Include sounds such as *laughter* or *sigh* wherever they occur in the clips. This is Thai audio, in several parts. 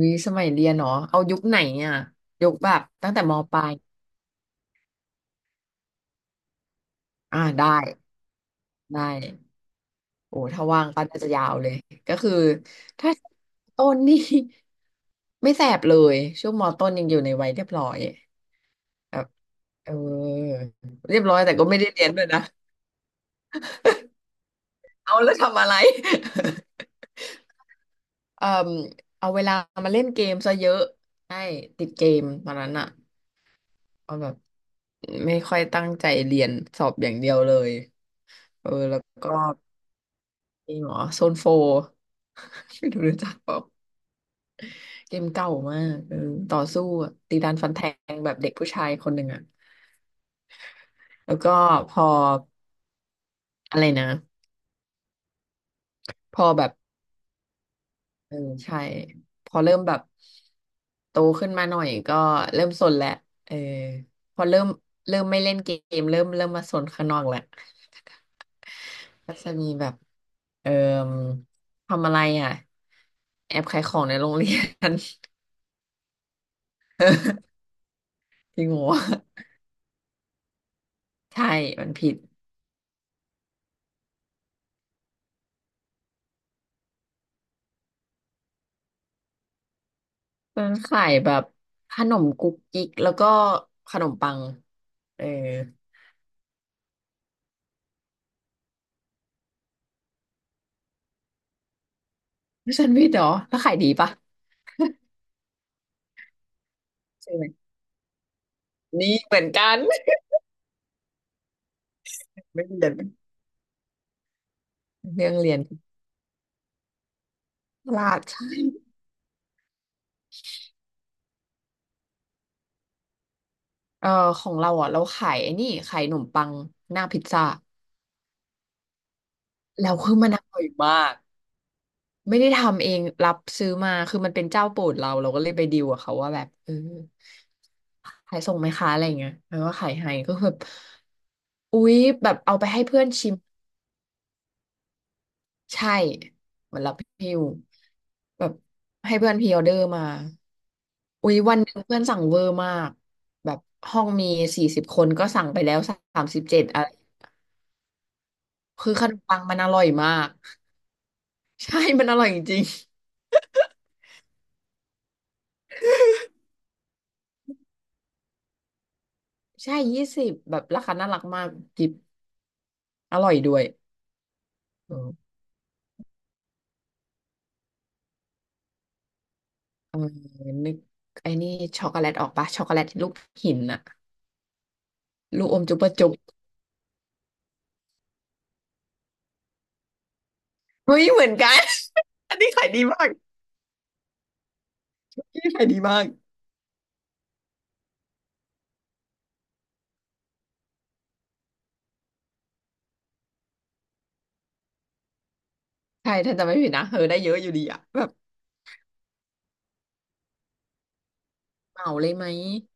วิสมัยเรียนเนาะเอายุคไหนเนี่ยยุคแบบตั้งแต่มปลายอ่าได้ได้โอ้ถ้าว่างก็น่าจะยาวเลยก็คือถ้าต้นนี่ *laughs* ไม่แสบเลยช่วงมต้นยังอยู่ในวัยเรียบร้อยแบบเออเรียบร้อยแต่ก็ไม่ได้เรียนด้วยนะเอาแล้วทำอะไร *laughs* เอ่อเอาเวลามาเล่นเกมซะเยอะใช่ติดเกมตอนนั้นอะเอาแบบไม่ค่อยตั้งใจเรียนสอบอย่างเดียวเลยเออแล้วก็ เกมเหรอโซนโฟร์ *laughs* ไม่รู้รู้จักเปล่าเกมเก่ามากเออต่อสู้อะตีดันฟันแทงแบบเด็กผู้ชายคนหนึ่งอ่ะแล้วก็พออะไรนะพอแบบเออใช่พอเริ่มแบบโตขึ้นมาหน่อยก็เริ่มสนแหละเออพอเริ่มไม่เล่นเกมเริ่มมาสนข้างนอกแหละก็จะมีแบบเอ่อทำอะไรอ่ะแอบขายของในโรงเรียน *laughs* จริงเหรอวใช่มันผิด ร้านขายแบบขนมกุ๊กกิ๊กแล้วก็ขนมปังเออไฉันวิทย์เหรอแล้วขายดีปะใช่ไหมนี่เหมือนกัน *laughs* ไม่เรียนเรื่องเรียนพลาดใช่เออของเราอ่ะเราขายไอ้นี่ขายขนมปังหน้าพิซซ่าแล้วคือมันอร่อยมาก ไม่ได้ทำเองรับซื้อมาคือมันเป็นเจ้าโปรดเราเราก็เลยไปดีลกับเขาว่าแบบเออขายส่งไหมคะอะไรอย่างเงี้ยแล้วก็ขายให้ก็คือแบบอุ๊ยแบบเอาไปให้เพื่อนชิม ใช่เหมือนรับหิ้วแบบให้เพื่อนพรีออเดอร์มาอุ๊ยวันหนึ่งเพื่อนสั่งเวอร์มากแบบห้องมี40คนก็สั่งไปแล้ว37อะไรคือขนมปังมันอร่อยมาก *laughs* ใช่มันอร่อยจริง *laughs* ๆใช่20แบบราคาน่ารักมากกิบอร่อยด้วยเออเออนึกไอ้นี่ช็อกโกแลตออกปะช็อกโกแลตลูกหินอะลูกอมจุ๊บะจุ๊บเฮ้ยเหมือนกัน *laughs* อันนี้ขายดีมากอันนี่ขายดีมาก ใช่ถ้าจะไม่ผิดนะเออได้เยอะอยู่ดีอะแบบเหมาเลยไหม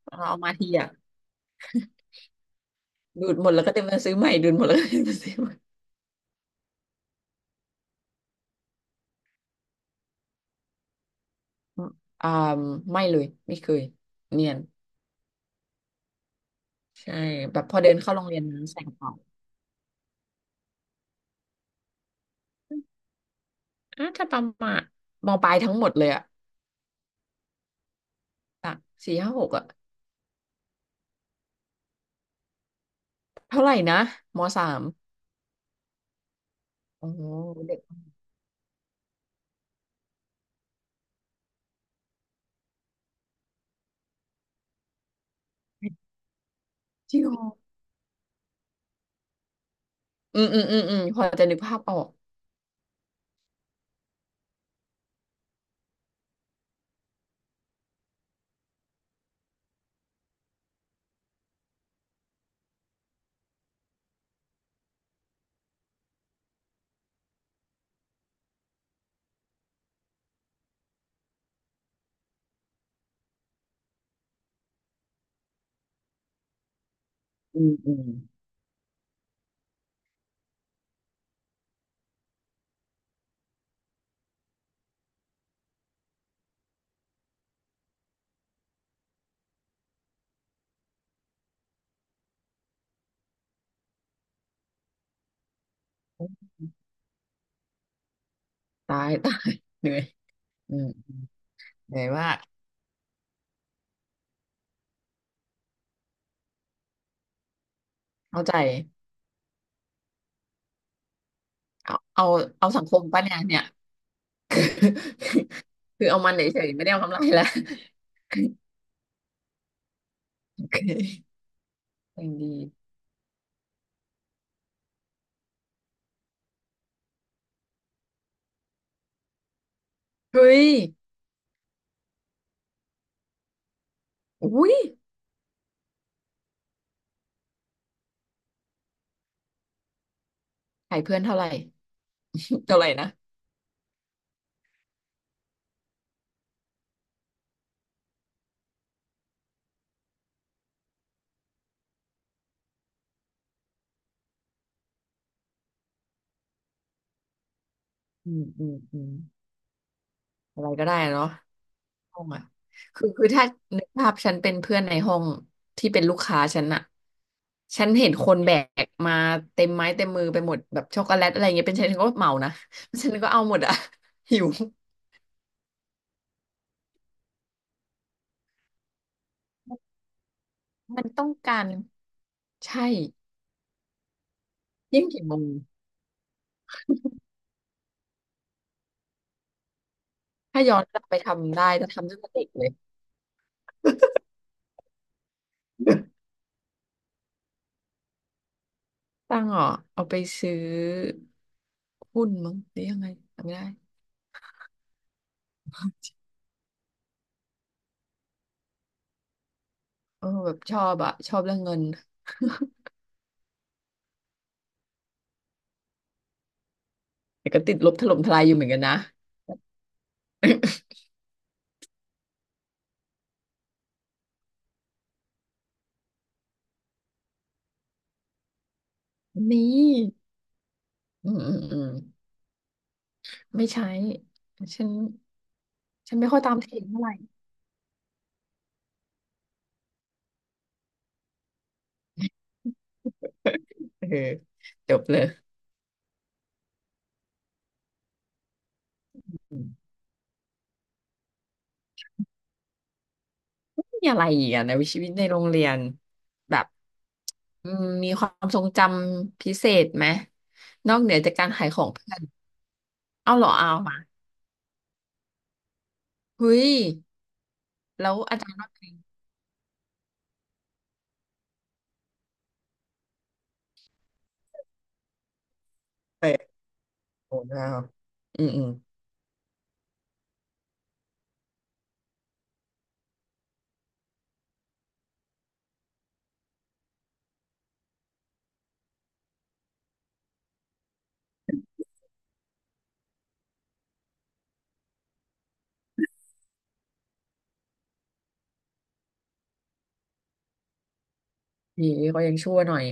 เราเอามาทีอะดูดหมดแล้วก็เต็มไปซื้อใหม่ดูดหมดแล้วก็เต็มไปซื้อใหม่อ่าไม่เลยไม่เคยเนียนใช่แบบพอเดินเข้าโรงเรียนนะใส่กระเป๋าอ่ะถ้าประมาณมปลายทั้งหมดเลยอะสักสี่ห้าหกอะเท่าไหร่นะมสามโอ้โหเด็กจริงเหรออืมอืมอืมอืมพอจะนึกภาพออกอืมอืมตาย *laughs* ตายเหนื่อยอืมเหนื่อยมากเข้าใจเอาเอาเอาสังคมปะเนี่ยเนี่ย คือเอามันเฉยๆไม่ได้เอากำไรแล้วโอเคยังดีเฮ้ยอุ้ยขายเพื่อนเท่าไหร่ *laughs* เท่าไหร่นะอืมอืมอืมอะไรก็ได้เนาะห้องอ่ะคือถ้านึกภาพฉันเป็นเพื่อนในห้องที่เป็นลูกค้าฉันอะฉันเห็นคนแบกมาเต็มไม้เต็มมือไปหมดแบบช็อกโกแลตอะไรเงี้ยเป็นฉันฉันก็เหมานะฉันก็เอาหมดอะ *laughs* หิวมันต้องการใช่ยิ่งกี่โมงถ้าย้อนกลับไปทำได้จะทำตั้งแต่เด็กเลย ตังค์เหรอ่ะเอาไปซื้อหุ้นมั้งหรือยังไงจำไม่ได้เออแบบชอบอ่ะชอบเรื่องเงิน *laughs* แต่ก็ติดลบถล่มทลายอยู่เหมือนกันนะนี่อืมอืมอืมไม่ใช้ฉันฉันไม่ค่อยตามเทรนด์เท่าไหร่เออจบเลยอืมไมมีอะไรอีกอะในวิชีวิตในโรงเรียนแบบอืมมีความทรงจำพิเศษไหมนอกเหนือจากการขายของเพื่อนเอาเหรอเอาอ่ะเฮ้ยแล้วอาจารย์ว่าไงเตะโอ้โหอืมอืม ดีเขายังชั่วหน่อย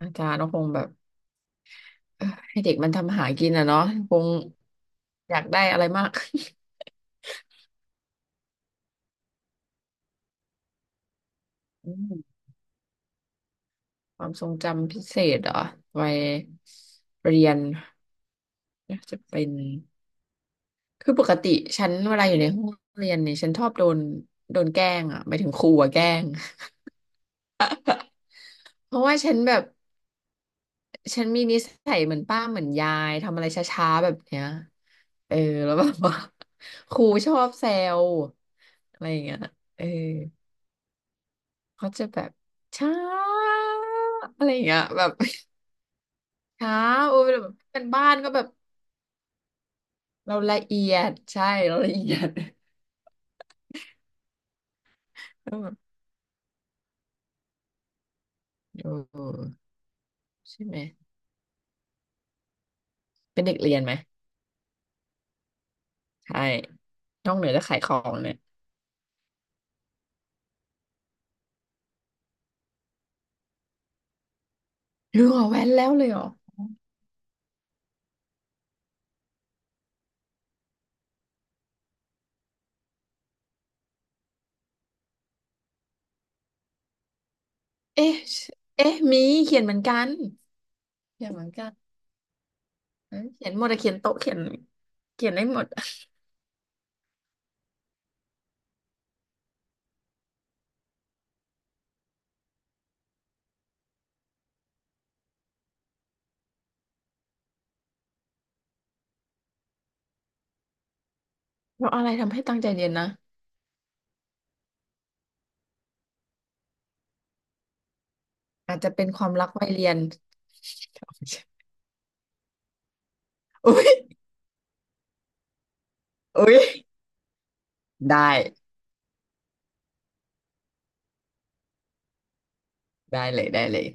อาจารย์ก็คงแบบ *sighs* เอ้อให้เด็กมันทำหากินอ่ะเนาะคงอยากได้อะไรมาก *laughs* อืมความทรงจำพิเศษเหรอวัยเรียนน่าจะเป็นคือปกติฉันเวลาอยู่ในห้องเรียนเนี่ยฉันชอบโดนแกล้งอ่ะหมายถึงครูอ่ะแกล้ง *laughs* เพราะว่าฉันแบบฉันมีนิสัยเหมือนป้าเหมือนยายทำอะไรช้าๆแบบเนี้ยเออแล้วแบบว่า *laughs* ครูชอบแซวอะไรอย่างเงี้ยเออ เขาจะแบบช้าอะไรอย่างเงี้ยแบบช้าโอ้ยแบบเป็นบ้านก็แบบเราละเอียดใช่เราละเอียดแล้แบบโอใช่ไหมเป็นเด็กเรียนไหมใช่นอกเหนือจากขายของเนี่ยหรือเหรอแว้นแล้วเลยเหรอเอ๊ะเอ๊ะมีเขียนเหมือนกันเขียนเหมือนกันเอ้ยเขียนหมดอะเขียนโต๊ะเขียนเขียนได้หมดแล้วอะไรทำให้ตั้งใจเรียนนะอาจจะเป็นความรักวัยเรียน *laughs* อุ้ยอุ้ยได้ได้เลยได้เลย